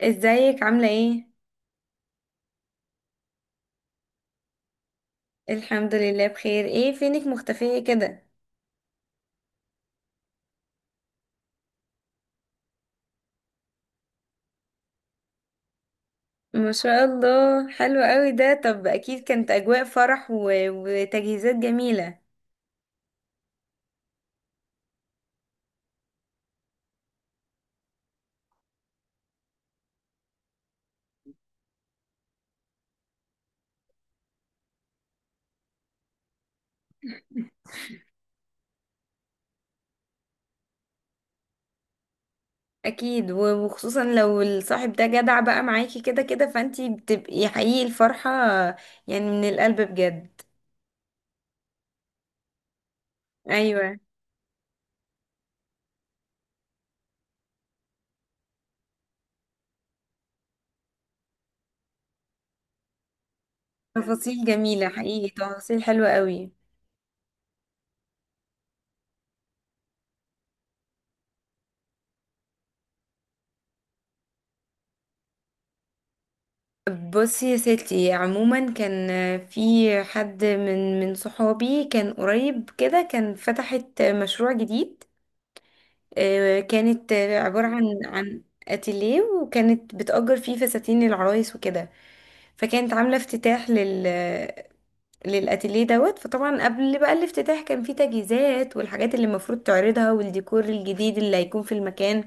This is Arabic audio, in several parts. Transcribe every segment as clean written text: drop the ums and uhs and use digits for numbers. ازيك عاملة ايه؟ الحمد لله بخير، ايه فينك مختفية كده؟ ما شاء الله حلو قوي ده، طب اكيد كانت اجواء فرح وتجهيزات جميلة. اكيد وخصوصا لو الصاحب ده جدع بقى معاكي كده كده، فانتي بتبقي حقيقي الفرحة يعني من القلب بجد. ايوه، تفاصيل جميلة حقيقي، تفاصيل حلوة قوي. بصي يا ستي، عموما كان في حد من صحابي كان قريب كده، كان فتحت مشروع جديد. كانت عبارة عن اتيليه، وكانت بتأجر فيه فساتين العرايس وكده. فكانت عاملة افتتاح للاتيليه دوت. فطبعا قبل بقى الافتتاح كان في تجهيزات والحاجات اللي المفروض تعرضها والديكور الجديد اللي هيكون في المكان،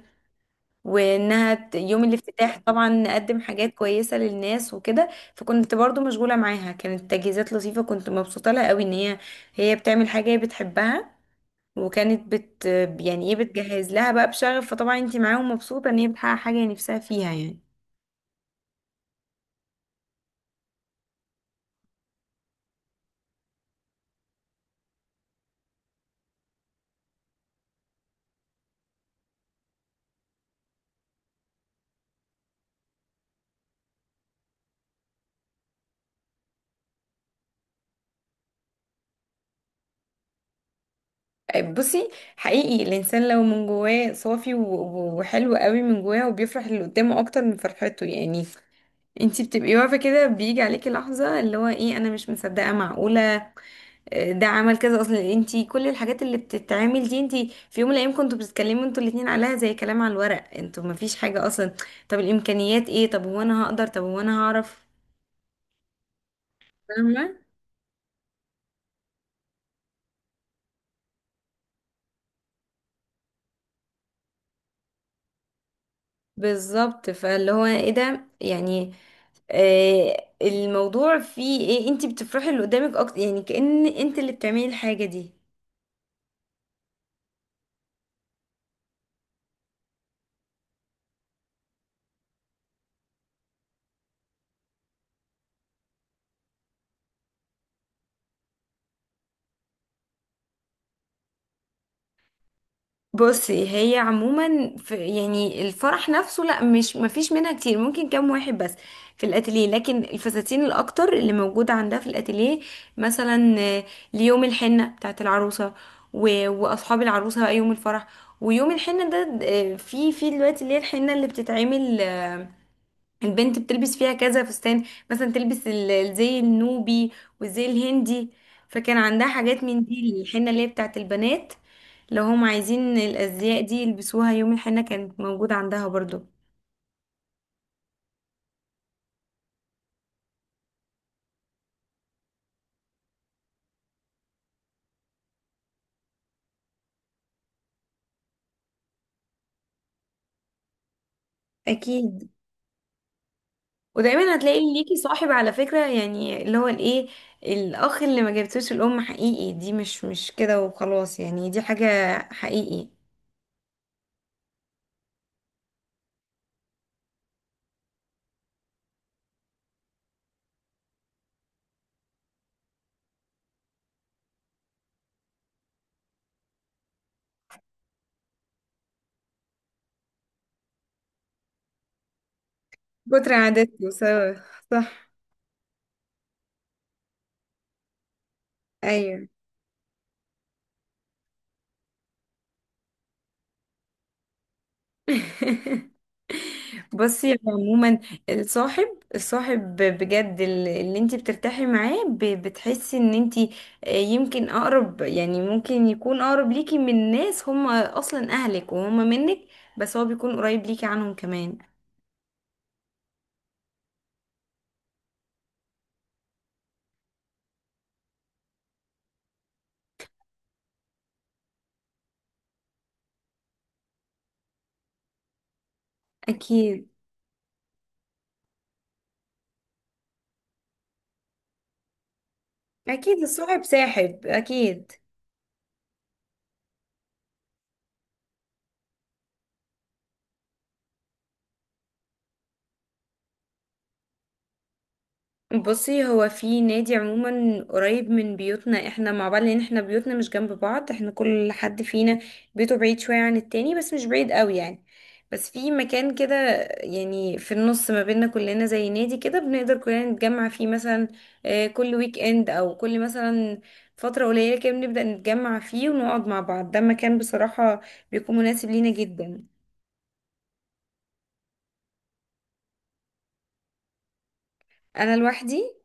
وانها يوم الافتتاح طبعا نقدم حاجات كويسة للناس وكده. فكنت برضو مشغولة معاها، كانت تجهيزات لطيفة، كنت مبسوطة لها قوي ان هي بتعمل حاجة هي بتحبها. وكانت بت يعني ايه، بتجهز لها بقى بشغف، فطبعا انتي معاهم مبسوطة ان هي بتحقق حاجة هي نفسها فيها يعني. بصي، حقيقي الانسان لو من جواه صافي وحلو قوي من جواه وبيفرح اللي قدامه اكتر من فرحته، يعني انتي بتبقي واقفه كده، بيجي عليكي لحظه اللي هو ايه، انا مش مصدقه، معقوله ده عمل كذا؟ اصلا انتي كل الحاجات اللي بتتعمل دي، انتي في يوم من الايام كنتوا بتتكلموا انتوا الاتنين عليها زي كلام على الورق، انتوا مفيش حاجة اصلا. طب الامكانيات ايه، طب هو انا هقدر، طب هو انا هعرف. فاهمة. بالظبط، فاللي هو ايه ده يعني، آه الموضوع فيه ايه، انتي بتفرحي اللي قدامك اكتر، يعني كأن انت اللي بتعملي الحاجة دي. بصي هي عموما، في يعني الفرح نفسه لا، مش مفيش منها كتير، ممكن كام واحد بس في الاتيليه، لكن الفساتين الاكتر اللي موجوده عندها في الاتيليه مثلا ليوم الحنه بتاعت العروسه، واصحاب العروسه بقى يوم الفرح. ويوم الحنه ده في دلوقتي اللي هي الحنه اللي بتتعمل، البنت بتلبس فيها كذا فستان، مثلا تلبس الزي النوبي والزي الهندي. فكان عندها حاجات من دي، الحنة اللي هي بتاعت البنات، لو هم عايزين الأزياء دي يلبسوها يوم الحنة كانت موجودة عندها برضو. أكيد، ودايما هتلاقي ليكي صاحب على فكرة، يعني اللي هو الايه، الأخ اللي ما جابتوش الأم، حقيقي دي مش مش كده وخلاص يعني، دي حاجة حقيقي. كتر عاداتكم سوا. صح. أيوه. بصي هو عموما الصاحب، الصاحب بجد اللي انت بترتاحي معاه، بتحسي ان انت يمكن اقرب، يعني ممكن يكون اقرب ليكي من ناس هم اصلا اهلك وهم منك، بس هو بيكون قريب ليكي عنهم كمان. اكيد، اكيد الصاحب ساحب اكيد. بصي هو في نادي عموما قريب من بيوتنا، احنا مع بعض، لان احنا بيوتنا مش جنب بعض، احنا كل حد فينا بيته بعيد شوية عن التاني، بس مش بعيد قوي يعني. بس في مكان كده، يعني في النص ما بيننا كلنا، زي نادي كده، بنقدر كلنا نتجمع فيه مثلا. كل ويك اند، او كل مثلا فترة قليلة كده بنبدأ نتجمع فيه ونقعد مع بعض. ده مكان بصراحة بيكون مناسب لينا جدا. انا لوحدي،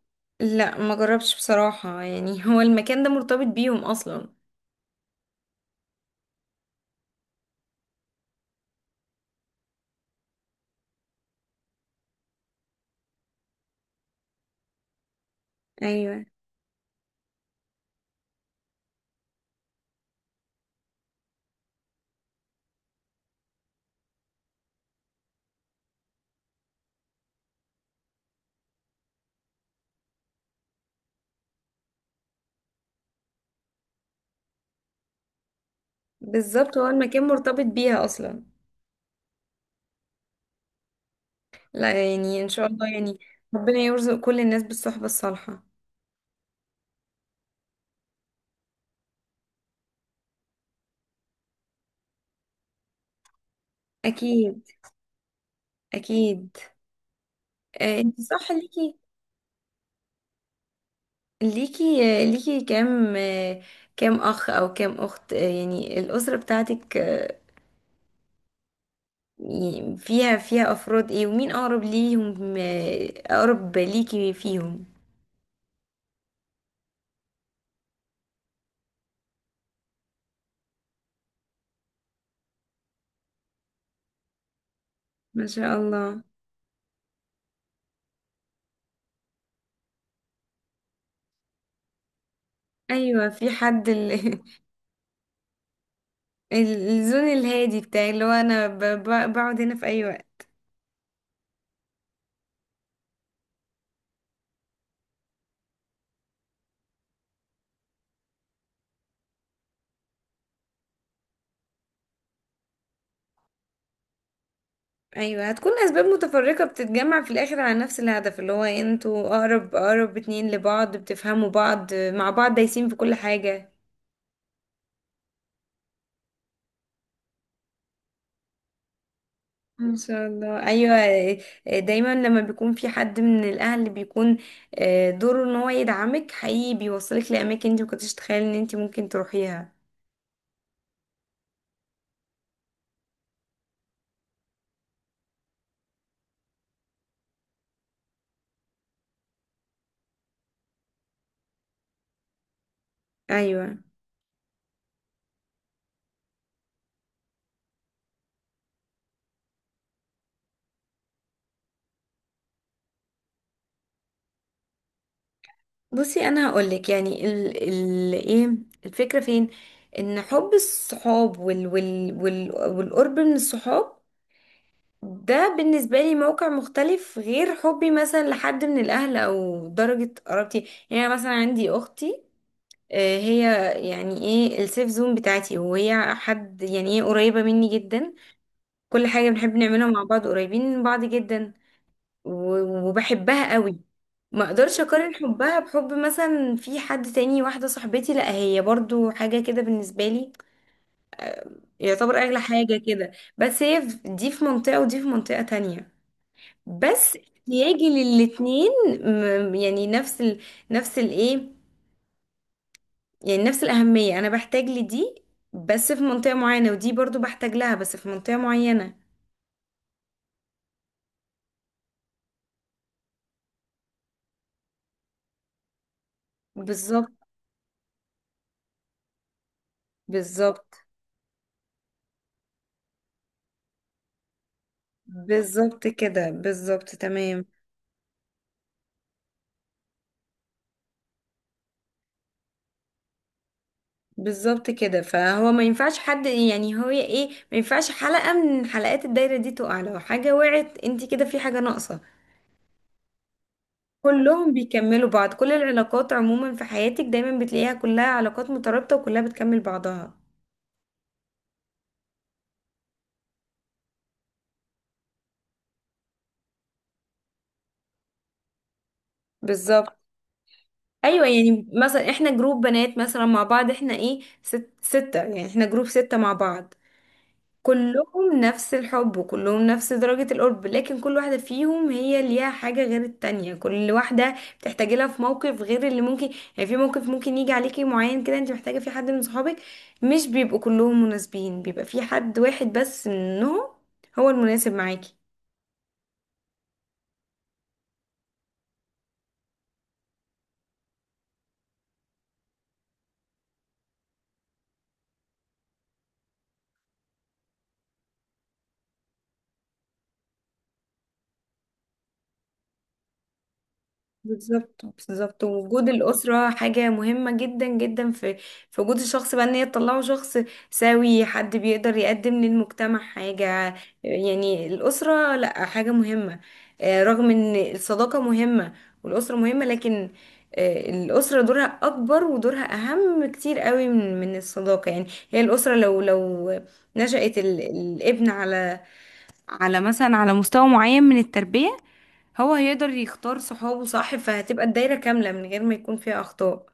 لا ما جربش بصراحة يعني. هو المكان ده مرتبط بيهم اصلا. ايوه، بالظبط، هو المكان مرتبط بيها اصلا. لا يعني ان شاء الله يعني، ربنا يرزق كل الناس بالصحبة الصالحة. اكيد، اكيد. آه انت صح ليكي، ليكي ليكي كام كام اخ او كام اخت، يعني الاسرة بتاعتك يعني فيها افراد ايه، ومين اقرب ليهم، اقرب ليكي فيهم. ما شاء الله. ايوه في حد الزون الهادي بتاعي، اللي هو انا بقعد هنا في اي وقت. ايوه، هتكون اسباب متفرقه بتتجمع في الاخر على نفس الهدف، اللي هو انتوا اقرب، اقرب اتنين لبعض، بتفهموا بعض، مع بعض دايسين في كل حاجه. ان شاء الله ايوه. دايما لما بيكون في حد من الاهل اللي بيكون دوره ان هو يدعمك، حقيقي بيوصلك لاماكن انت مكنتش تتخيل ان انت ممكن تروحيها. ايوه. بصي انا هقولك، يعني ال ايه، الفكره فين، ان حب الصحاب وال والقرب من الصحاب ده بالنسبة لي موقع مختلف غير حبي مثلا لحد من الأهل أو درجة قرابتي. يعني أنا مثلا عندي أختي، هي يعني ايه السيف زون بتاعتي، وهي حد يعني ايه قريبة مني جدا. كل حاجة بنحب نعملها مع بعض، قريبين من بعض جدا، وبحبها قوي. ما اقدرش اقارن حبها بحب مثلا في حد تاني. واحدة صاحبتي لا هي برضو حاجة كده بالنسبة لي، يعتبر اغلى حاجة كده. بس هي دي في منطقة ودي في منطقة تانية، بس احتياجي للاتنين يعني نفس نفس الايه، يعني نفس الأهمية، انا بحتاج لدي بس في منطقة معينة، ودي برضو بحتاج لها بس في منطقة معينة. بالظبط. بالظبط. بالظبط كده، بالظبط تمام. بالظبط كده، فهو ما ينفعش حد، يعني هو ايه، ما ينفعش حلقة من حلقات الدايرة دي تقع، لو حاجة وقعت انت كده في حاجة ناقصة. كلهم بيكملوا بعض، كل العلاقات عموما في حياتك دايما بتلاقيها كلها علاقات مترابطة وكلها بتكمل بعضها. بالظبط. ايوه، يعني مثلا احنا جروب بنات مثلا مع بعض، احنا ايه، ست ستة، يعني احنا جروب ستة مع بعض، كلهم نفس الحب وكلهم نفس درجة القرب، لكن كل واحدة فيهم هي ليها حاجة غير التانية، كل واحدة بتحتاجي لها في موقف غير اللي ممكن، يعني في موقف ممكن يجي عليكي معين كده انت محتاجة في حد من صحابك، مش بيبقوا كلهم مناسبين، بيبقى في حد واحد بس منهم هو المناسب معاكي. بالظبط، بالظبط، ووجود الأسرة حاجة مهمة جدا جدا، في في وجود الشخص بقى، ان هي تطلعه شخص سوي، حد بيقدر يقدم للمجتمع حاجة. يعني الأسرة لأ، حاجة مهمة. رغم ان الصداقة مهمة والأسرة مهمة، لكن الأسرة دورها أكبر، ودورها أهم كتير قوي من الصداقة. يعني هي الأسرة لو لو نشأت الابن على، على مثلا على مستوى معين من التربية، هو هيقدر يختار صحابه صح، فهتبقى الدايرة كاملة من غير ما يكون فيها أخطاء.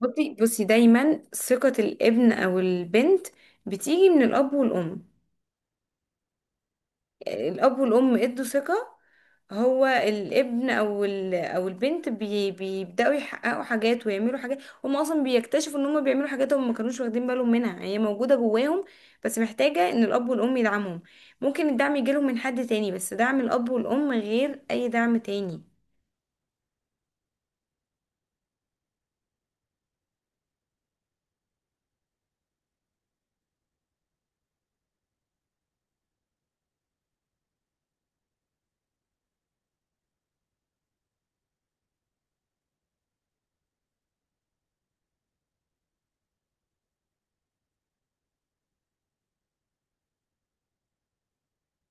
بصي دايما ثقة الابن أو البنت بتيجي من الأب والأم. الأب والأم ادوا ثقة، هو الابن أو البنت بيبدأوا يحققوا حاجات ويعملوا حاجات، هم أصلا بيكتشفوا إن هم بيعملوا حاجات هم ما كانوش واخدين بالهم منها، هي موجودة جواهم، بس محتاجة إن الأب والأم يدعمهم. ممكن الدعم يجيلهم من حد تاني، بس دعم الأب والأم غير أي دعم تاني.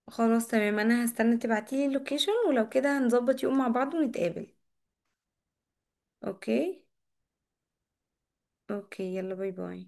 خلاص تمام، انا هستنى تبعتيلي اللوكيشن، ولو كده هنظبط يوم مع بعض ونتقابل. اوكي، اوكي، يلا باي باي.